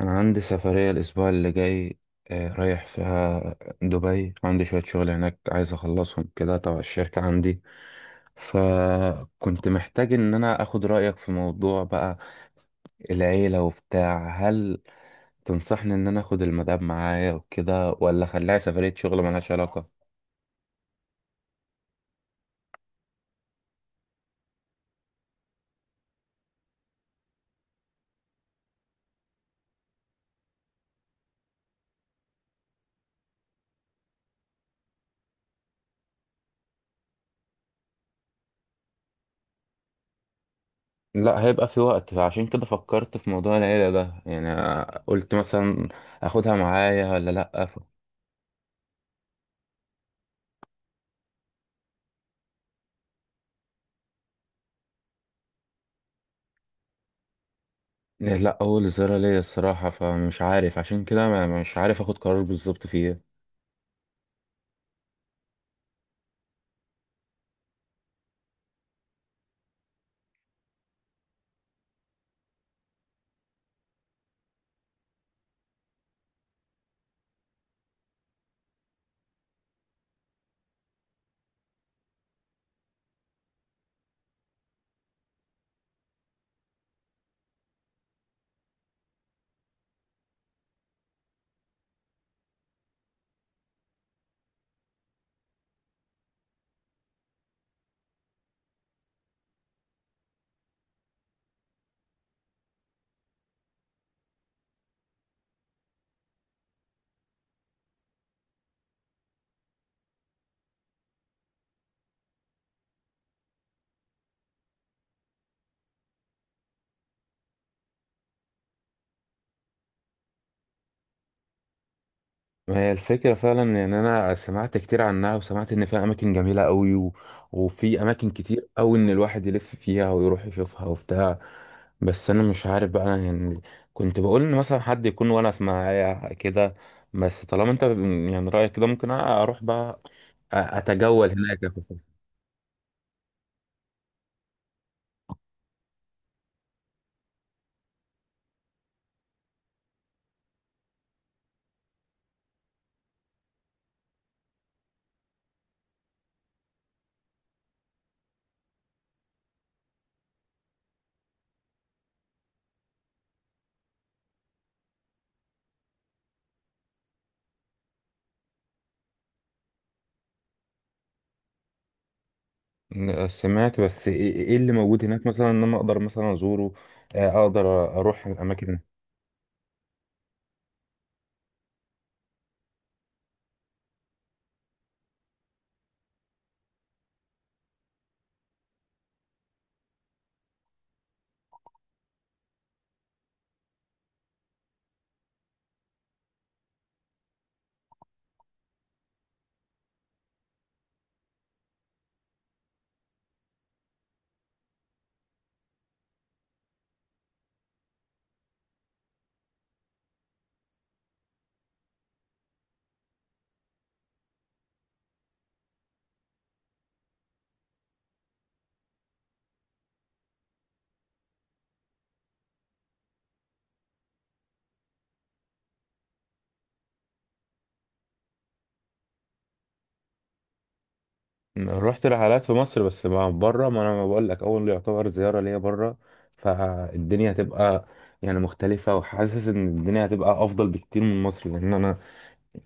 أنا عندي سفرية الأسبوع اللي جاي. رايح فيها دبي. عندي شوية شغل هناك عايز أخلصهم كده تبع الشركة عندي، فكنت محتاج إن أنا أخد رأيك في موضوع بقى، العيلة وبتاع. هل تنصحني إن أنا أخد المدام معايا وكده، ولا أخليها سفرية شغل ملهاش علاقة؟ لا، هيبقى في وقت، عشان كده فكرت في موضوع العيلة ده. يعني قلت مثلا أخدها معايا ولا لأ. إيه، لا اول زيارة ليا الصراحة، فمش عارف، عشان كده مش عارف اخد قرار بالظبط فيها. ما هي الفكرة فعلا ان انا سمعت كتير عنها، وسمعت ان فيها اماكن جميلة قوي، وفي اماكن كتير قوي ان الواحد يلف فيها ويروح يشوفها وبتاع. بس انا مش عارف بقى، أنا يعني كنت بقول ان مثلا حد يكون وانا معايا كده. بس طالما انت يعني رأيك كده، ممكن اروح بقى اتجول هناك. آه، سمعت. بس ايه إيه اللي موجود هناك مثلا ان انا اقدر مثلا ازوره؟ آه، اقدر اروح الاماكن. رحت رحلات في مصر بس ما بره، ما انا ما بقول لك اول يعتبر زياره ليا بره، فالدنيا هتبقى يعني مختلفه، وحاسس ان الدنيا هتبقى افضل بكتير من مصر، لان انا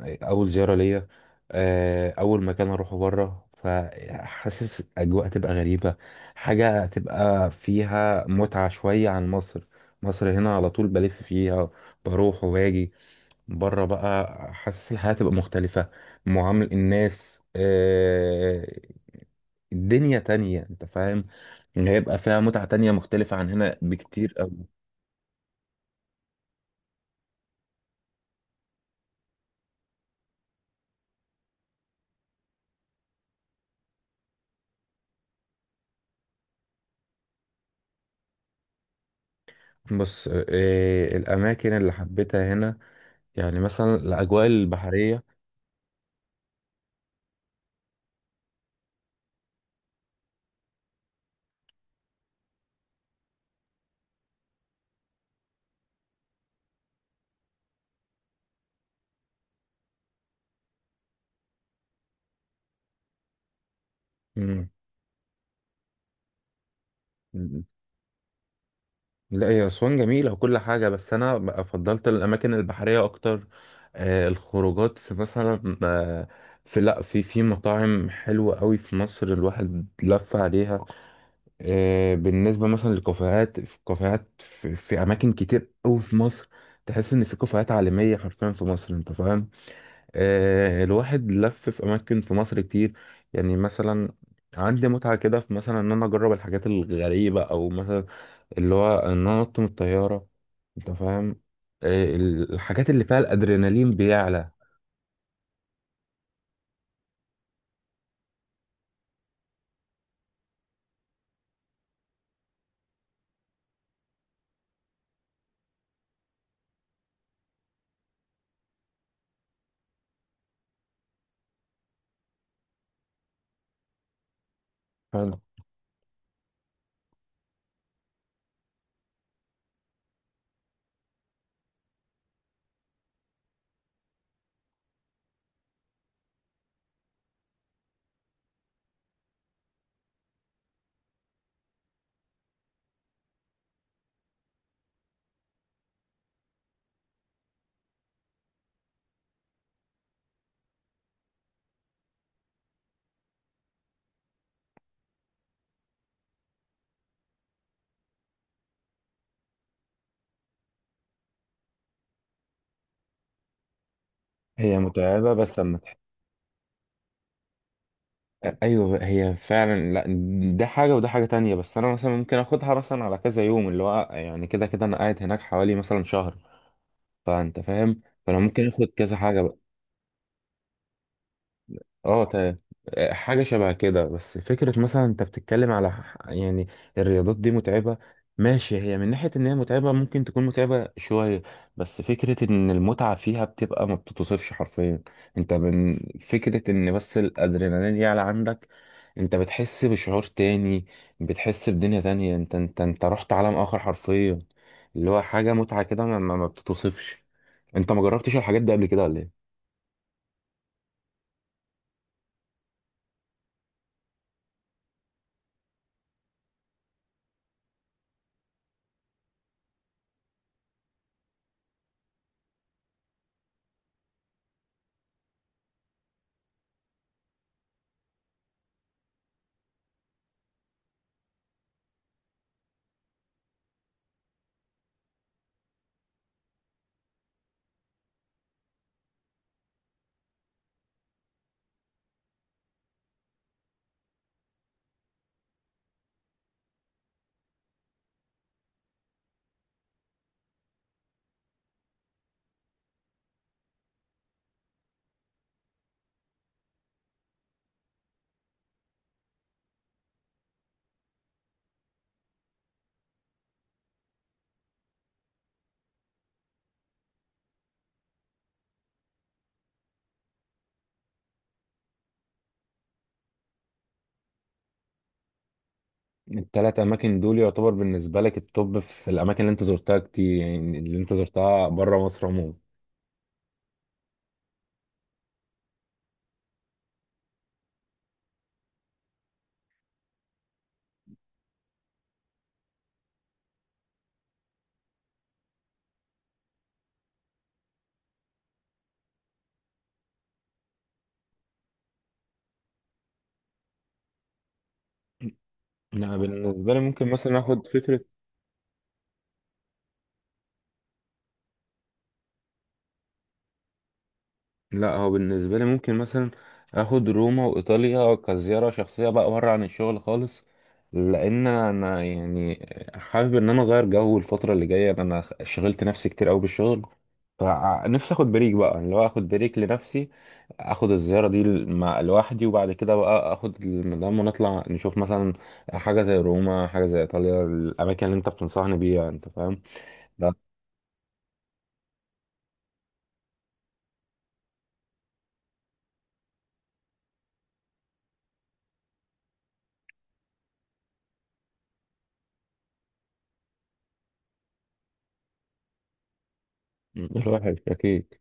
اول زياره ليا، آه، اول مكان اروحه بره. فحاسس اجواء تبقى غريبه، حاجه تبقى فيها متعه شويه عن مصر. مصر هنا على طول بلف فيها، بروح وباجي. بره بقى، حاسس الحياة تبقى مختلفة، معامل الناس، آه، الدنيا تانية انت فاهم. إن هيبقى فيها متعة تانية مختلفة عن هنا بكتير أوي. بص، آه، الأماكن اللي حبيتها هنا يعني مثلا الأجواء البحرية. مم. لا، هي أسوان جميلة وكل حاجة، بس أنا بقى فضلت الأماكن البحرية أكتر. آه، الخروجات في مثلا، آه، في لا في في مطاعم حلوة قوي في مصر الواحد لف عليها. آه، بالنسبة مثلا للكافيهات، في كافيهات في أماكن كتير أوي في مصر. تحس إن في كافيهات عالمية حرفيا في مصر، أنت فاهم. آه، الواحد لف في أماكن في مصر كتير. يعني مثلا عندي متعة كده في مثلا إن أنا أجرب الحاجات الغريبة، أو مثلا اللي هو إن أنا أنط من الطيارة، أنت فاهم. آه، الحاجات اللي فيها الأدرينالين بيعلى، فاهم. هي متعبة بس، ايوه، هي فعلا. لا، ده حاجه وده حاجه تانية، بس انا مثلا ممكن اخدها مثلا على كذا يوم، اللي هو يعني كده كده انا قاعد هناك حوالي مثلا شهر، فانت فاهم. فانا ممكن اخد كذا حاجه بقى. اه، تمام. حاجة شبه كده، بس فكرة مثلا انت بتتكلم على يعني الرياضات دي متعبة، ماشي، هي من ناحية ان هي متعبة ممكن تكون متعبة شوية، بس فكرة ان المتعة فيها بتبقى ما بتتوصفش حرفيا. انت من فكرة ان بس الادرينالين يعلى عندك، انت بتحس بشعور تاني، بتحس بدنيا تانية، انت رحت عالم اخر حرفيا، اللي هو حاجة متعة كده ما بتتوصفش. انت ما جربتش الحاجات دي قبل كده ولا ايه؟ الثلاث اماكن دول يعتبر بالنسبه لك التوب في الاماكن اللي انت زرتها كتير، يعني اللي انت زرتها بره مصر عموما. انا بالنسبه لي ممكن مثلا اخد فكره. لا، هو بالنسبة لي ممكن مثلا اخد روما وايطاليا كزيارة شخصية بقى بره عن الشغل خالص، لان انا يعني حابب ان انا اغير جو. الفترة اللي جاية انا شغلت نفسي كتير قوي بالشغل، فنفسي اخد بريك بقى، اللي هو اخد بريك لنفسي، اخد الزيارة دي مع لوحدي، وبعد كده بقى اخد المدام ونطلع نشوف مثلا حاجة زي روما، حاجة زي ايطاليا، الاماكن اللي انت بتنصحني بيها، انت فاهم ده. الواحد اكيد.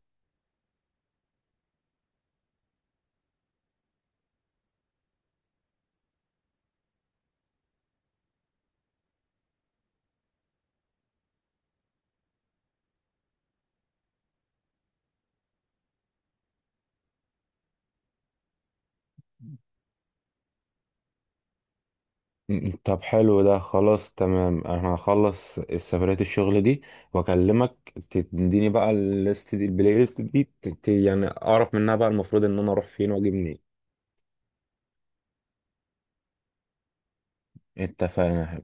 طب حلو، ده خلاص تمام. انا هخلص السفرية الشغل دي واكلمك، تديني بقى الليست دي، البلاي ليست دي، يعني اعرف منها بقى المفروض ان انا اروح فين واجي منين. اتفقنا.